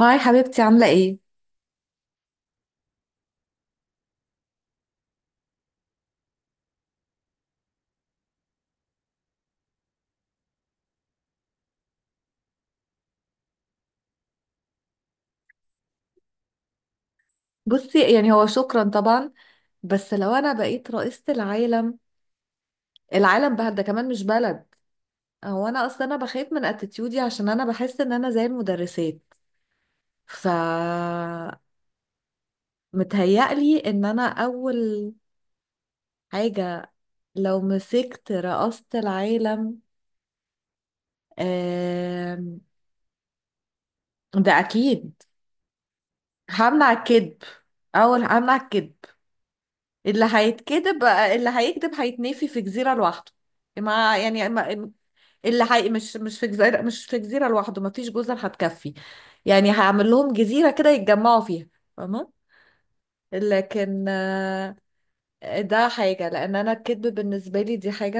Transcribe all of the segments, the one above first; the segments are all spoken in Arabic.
هاي حبيبتي، عاملة ايه؟ بصي، يعني هو شكرا طبعا. بس لو انا بقيت رئيسة العالم، العالم بقى ده كمان مش بلد. هو انا اصلا انا بخاف من اتيتيودي عشان انا بحس ان انا زي المدرسات. ف متهيألي ان انا اول حاجة لو مسكت رئاسة العالم. آم، ده اكيد. همنع الكذب، اول همنع الكذب. اللي هيكذب هيتنفي في جزيرة لوحده، مع يعني اللي حقيقي. مش في جزيرة، مش في جزيرة لوحده، مفيش جزر هتكفي. يعني هعمل لهم جزيرة كده يتجمعوا فيها، فاهمة؟ لكن ده حاجة، لأن أنا الكذب بالنسبة لي دي حاجة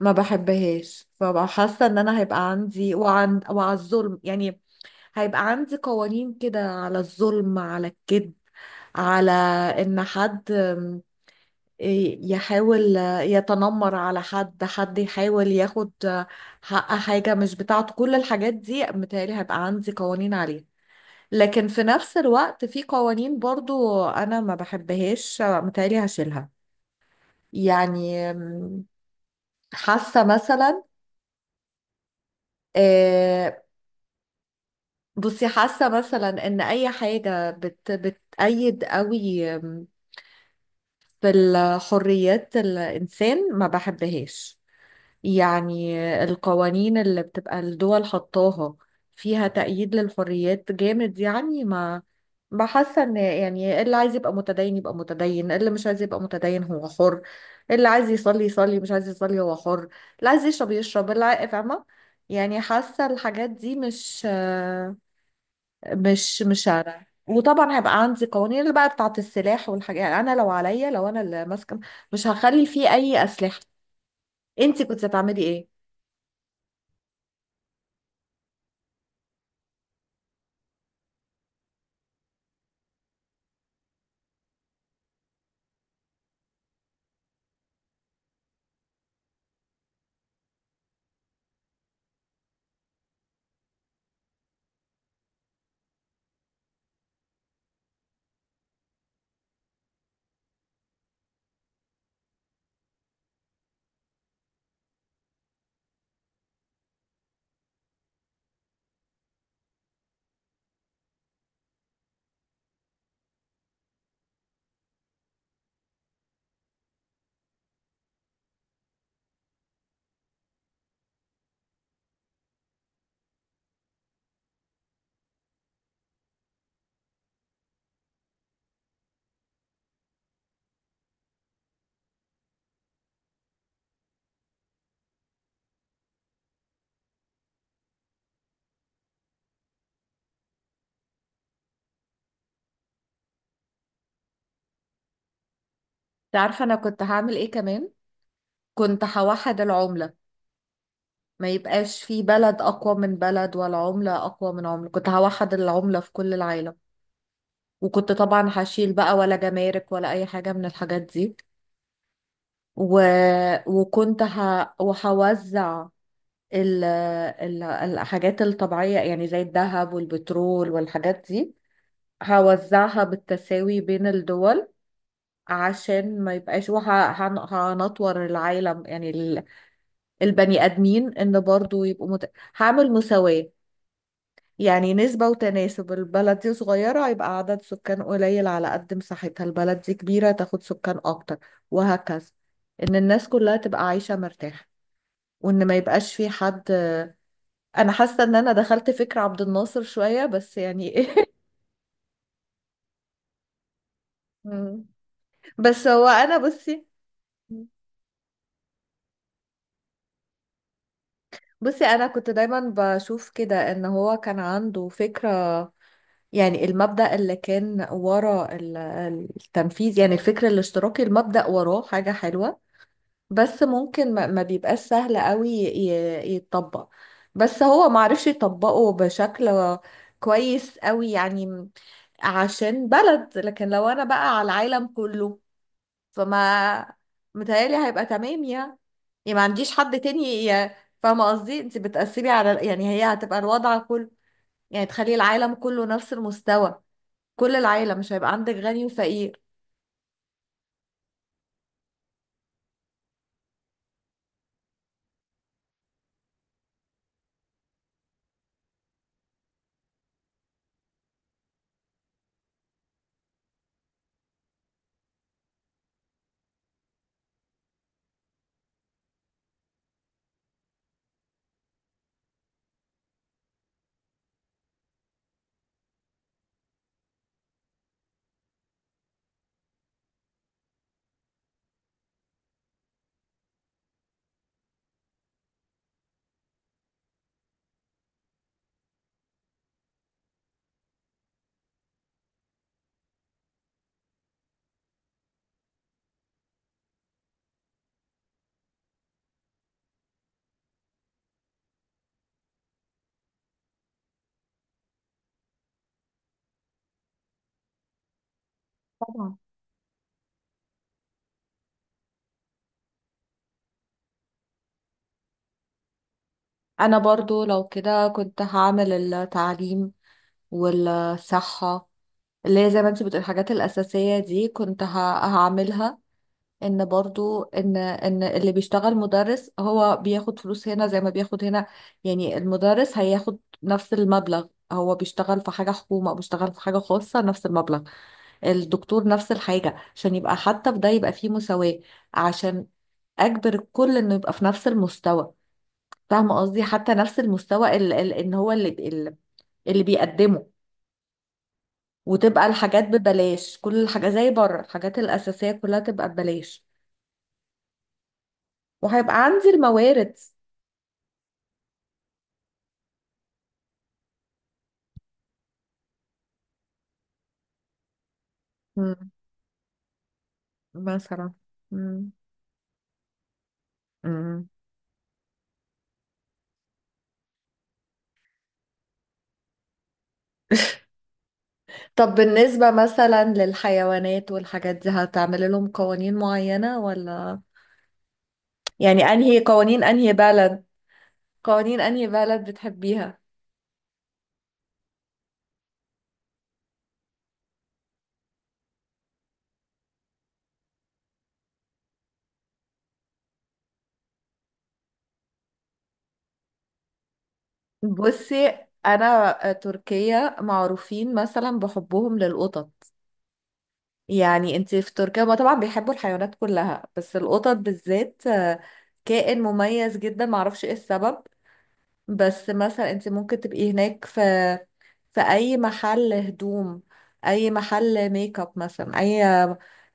ما بحبهاش. فببقى حاسة إن أنا هيبقى عندي وعلى الظلم. يعني هيبقى عندي قوانين كده على الظلم، على الكذب، على إن حد يحاول يتنمر على حد، حد يحاول ياخد حق حاجة مش بتاعته. كل الحاجات دي متهيألي هيبقى عندي قوانين عليها. لكن في نفس الوقت في قوانين برضو أنا ما بحبهاش متهيألي هشيلها. يعني م، حاسة مثلا آه، بصي، حاسة مثلا إن أي حاجة بتأيد قوي في الحريات الإنسان ما بحبهاش. يعني القوانين اللي بتبقى الدول حطاها فيها تأييد للحريات جامد، يعني ما بحاسة ان، يعني اللي عايز يبقى متدين يبقى متدين، اللي مش عايز يبقى متدين هو حر. اللي عايز يصلي يصلي، مش عايز يصلي هو حر. اللي عايز يشرب يشرب. فاهمة؟ يعني حاسة الحاجات دي مش مش شارع. وطبعا هيبقى عندي قوانين اللي بقى بتاعت السلاح والحاجات، يعني انا لو عليا، لو انا اللي ماسكه مش هخلي فيه اي اسلحه. انت كنت هتعملي ايه؟ تعرف انا كنت هعمل ايه كمان؟ كنت هوحد العملة. ما يبقاش في بلد اقوى من بلد ولا عملة اقوى من عملة، كنت هوحد العملة في كل العالم. وكنت طبعا هشيل بقى ولا جمارك ولا اي حاجة من الحاجات دي. و... وهوزع الحاجات الطبيعية، يعني زي الذهب والبترول والحاجات دي، هوزعها بالتساوي بين الدول عشان ما يبقاش. وهنطور العالم، يعني البني آدمين إن برضو هعمل مساواة. يعني نسبة وتناسب، البلد دي صغيرة يبقى عدد سكان قليل على قد مساحتها، البلد دي كبيرة تاخد سكان أكتر، وهكذا. إن الناس كلها تبقى عايشة مرتاحة، وإن ما يبقاش في حد. أنا حاسة إن أنا دخلت فكر عبد الناصر شوية بس، يعني إيه. مم. بس هو أنا بصي أنا كنت دايما بشوف كده إن هو كان عنده فكرة. يعني المبدأ اللي كان ورا التنفيذ، يعني الفكر الاشتراكي المبدأ وراه حاجة حلوة. بس ممكن ما بيبقاش سهل قوي يتطبق. بس هو معرفش يطبقه بشكل كويس قوي، يعني عشان بلد. لكن لو انا بقى على العالم كله فما متهيألي هيبقى تمام يعني. يعني ما عنديش حد تاني. ي- فاهمة قصدي؟ انت بتقسمي على، يعني هي هتبقى الوضع كله. يعني تخلي العالم كله نفس المستوى كل العيلة، مش هيبقى عندك غني وفقير. طبعا، انا برضو لو كده كنت هعمل التعليم والصحة، اللي هي زي ما انت بتقول الحاجات الأساسية دي، كنت هعملها. ان برضو ان اللي بيشتغل مدرس هو بياخد فلوس هنا زي ما بياخد هنا. يعني المدرس هياخد نفس المبلغ، هو بيشتغل في حاجة حكومة او بيشتغل في حاجة خاصة نفس المبلغ. الدكتور نفس الحاجة، عشان يبقى حتى في ده يبقى فيه مساواة، عشان اجبر الكل انه يبقى في نفس المستوى. فاهمة قصدي؟ حتى نفس المستوى ان هو اللي اللي بيقدمه. وتبقى الحاجات ببلاش، كل الحاجة زي بره، الحاجات الأساسية كلها تبقى ببلاش. وهيبقى عندي الموارد. مم. مثلا. مم. مم. طب بالنسبة مثلا للحيوانات والحاجات دي هتعمل لهم قوانين معينة ولا؟ يعني انهي قوانين، انهي بلد، قوانين انهي بلد بتحبيها؟ بصي، انا تركيا معروفين مثلا بحبهم للقطط. يعني انتي في تركيا، ما طبعا بيحبوا الحيوانات كلها، بس القطط بالذات كائن مميز جدا، معرفش ايه السبب. بس مثلا انت ممكن تبقي هناك في اي محل هدوم، اي محل ميك اب مثلا، اي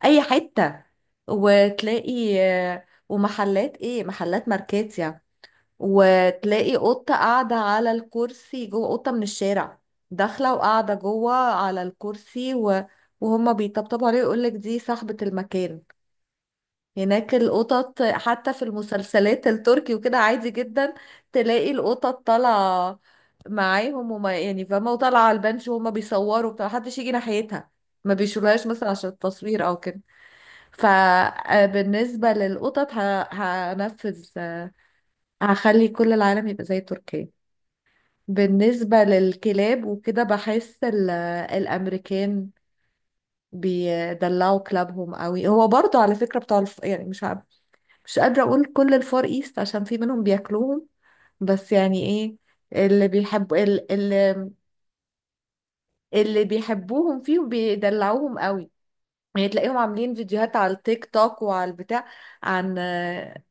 اي حتة، وتلاقي ومحلات ايه، محلات ماركات يعني، وتلاقي قطة قاعدة على الكرسي جوه، قطة من الشارع داخلة وقاعدة جوه على الكرسي، وهما بيطبطبوا عليه ويقولك دي صاحبة المكان. هناك القطط حتى في المسلسلات التركي وكده عادي جدا، تلاقي القطط طالعة معاهم، وما يعني فاهمة، وطالعة على البنش وهما بيصوروا بتاع، محدش يجي ناحيتها، ما بيشيلوهاش مثلا عشان التصوير او كده. فبالنسبة للقطط هنفذ هخلي كل العالم يبقى زي تركيا. بالنسبة للكلاب وكده بحس الأمريكان بيدلعوا كلابهم قوي. هو برضو على فكرة بتاع يعني مش عارف، مش قادرة أقول كل الفار إيست عشان في منهم بياكلوهم. بس يعني إيه، اللي بيحب ال- ال- اللي بيحبوهم فيهم بيدلعوهم قوي. يعني تلاقيهم عاملين فيديوهات على التيك توك وعلى البتاع عن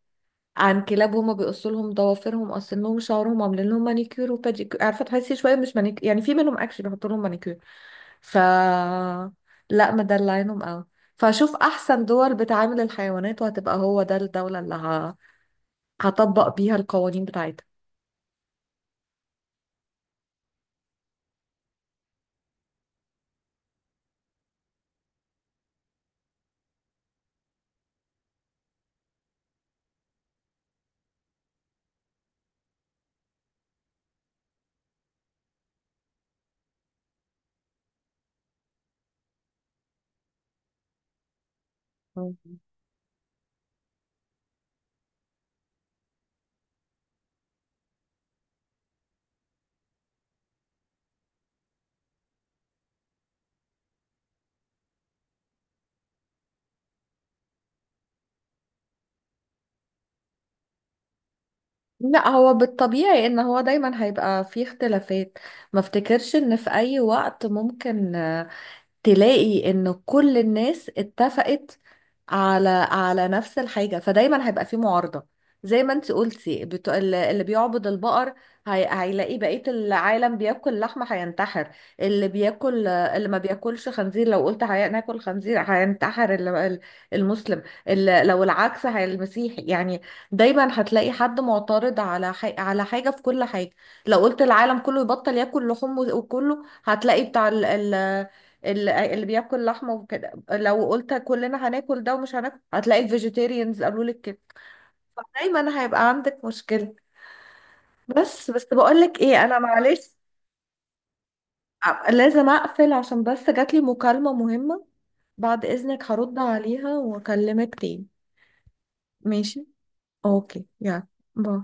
عن كلاب، هما بيقصوا لهم ضوافرهم، قاصينهم شعرهم، عاملين لهم مانيكير وباديكير. عارفة، تحسي شوية مش مانيكير، يعني في منهم اكشلي بيحطوا لهم مانيكير. ف لا، مدلعينهم قوي. فاشوف احسن دول بتعامل الحيوانات، وهتبقى هو ده الدولة اللي هطبق بيها القوانين بتاعتها. مم. لا هو بالطبيعي ان هو دايما هيبقى فيه اختلافات. ما افتكرش ان في اي وقت ممكن تلاقي ان كل الناس اتفقت على نفس الحاجة. فدايما هيبقى في معارضة، زي ما انت قلتي. اللي بيعبد البقر هيلاقي بقية العالم بياكل لحمة هينتحر. اللي بياكل، اللي ما بياكلش خنزير لو قلت ناكل خنزير هينتحر المسلم. لو العكس هي المسيحي يعني. دايما هتلاقي حد معترض على على حاجة في كل حاجة. لو قلت العالم كله يبطل ياكل لحوم وكله هتلاقي بتاع اللي بياكل لحمه وكده. لو قلت كلنا هناكل ده ومش هناكل هتلاقي الفيجيتيريانز قالوا لك كده. فدايما هيبقى عندك مشكله. بس بقول لك ايه، انا معلش لازم اقفل عشان بس جاتلي مكالمه مهمه. بعد اذنك هرد عليها واكلمك تاني. ماشي. اوكي يلا. باي.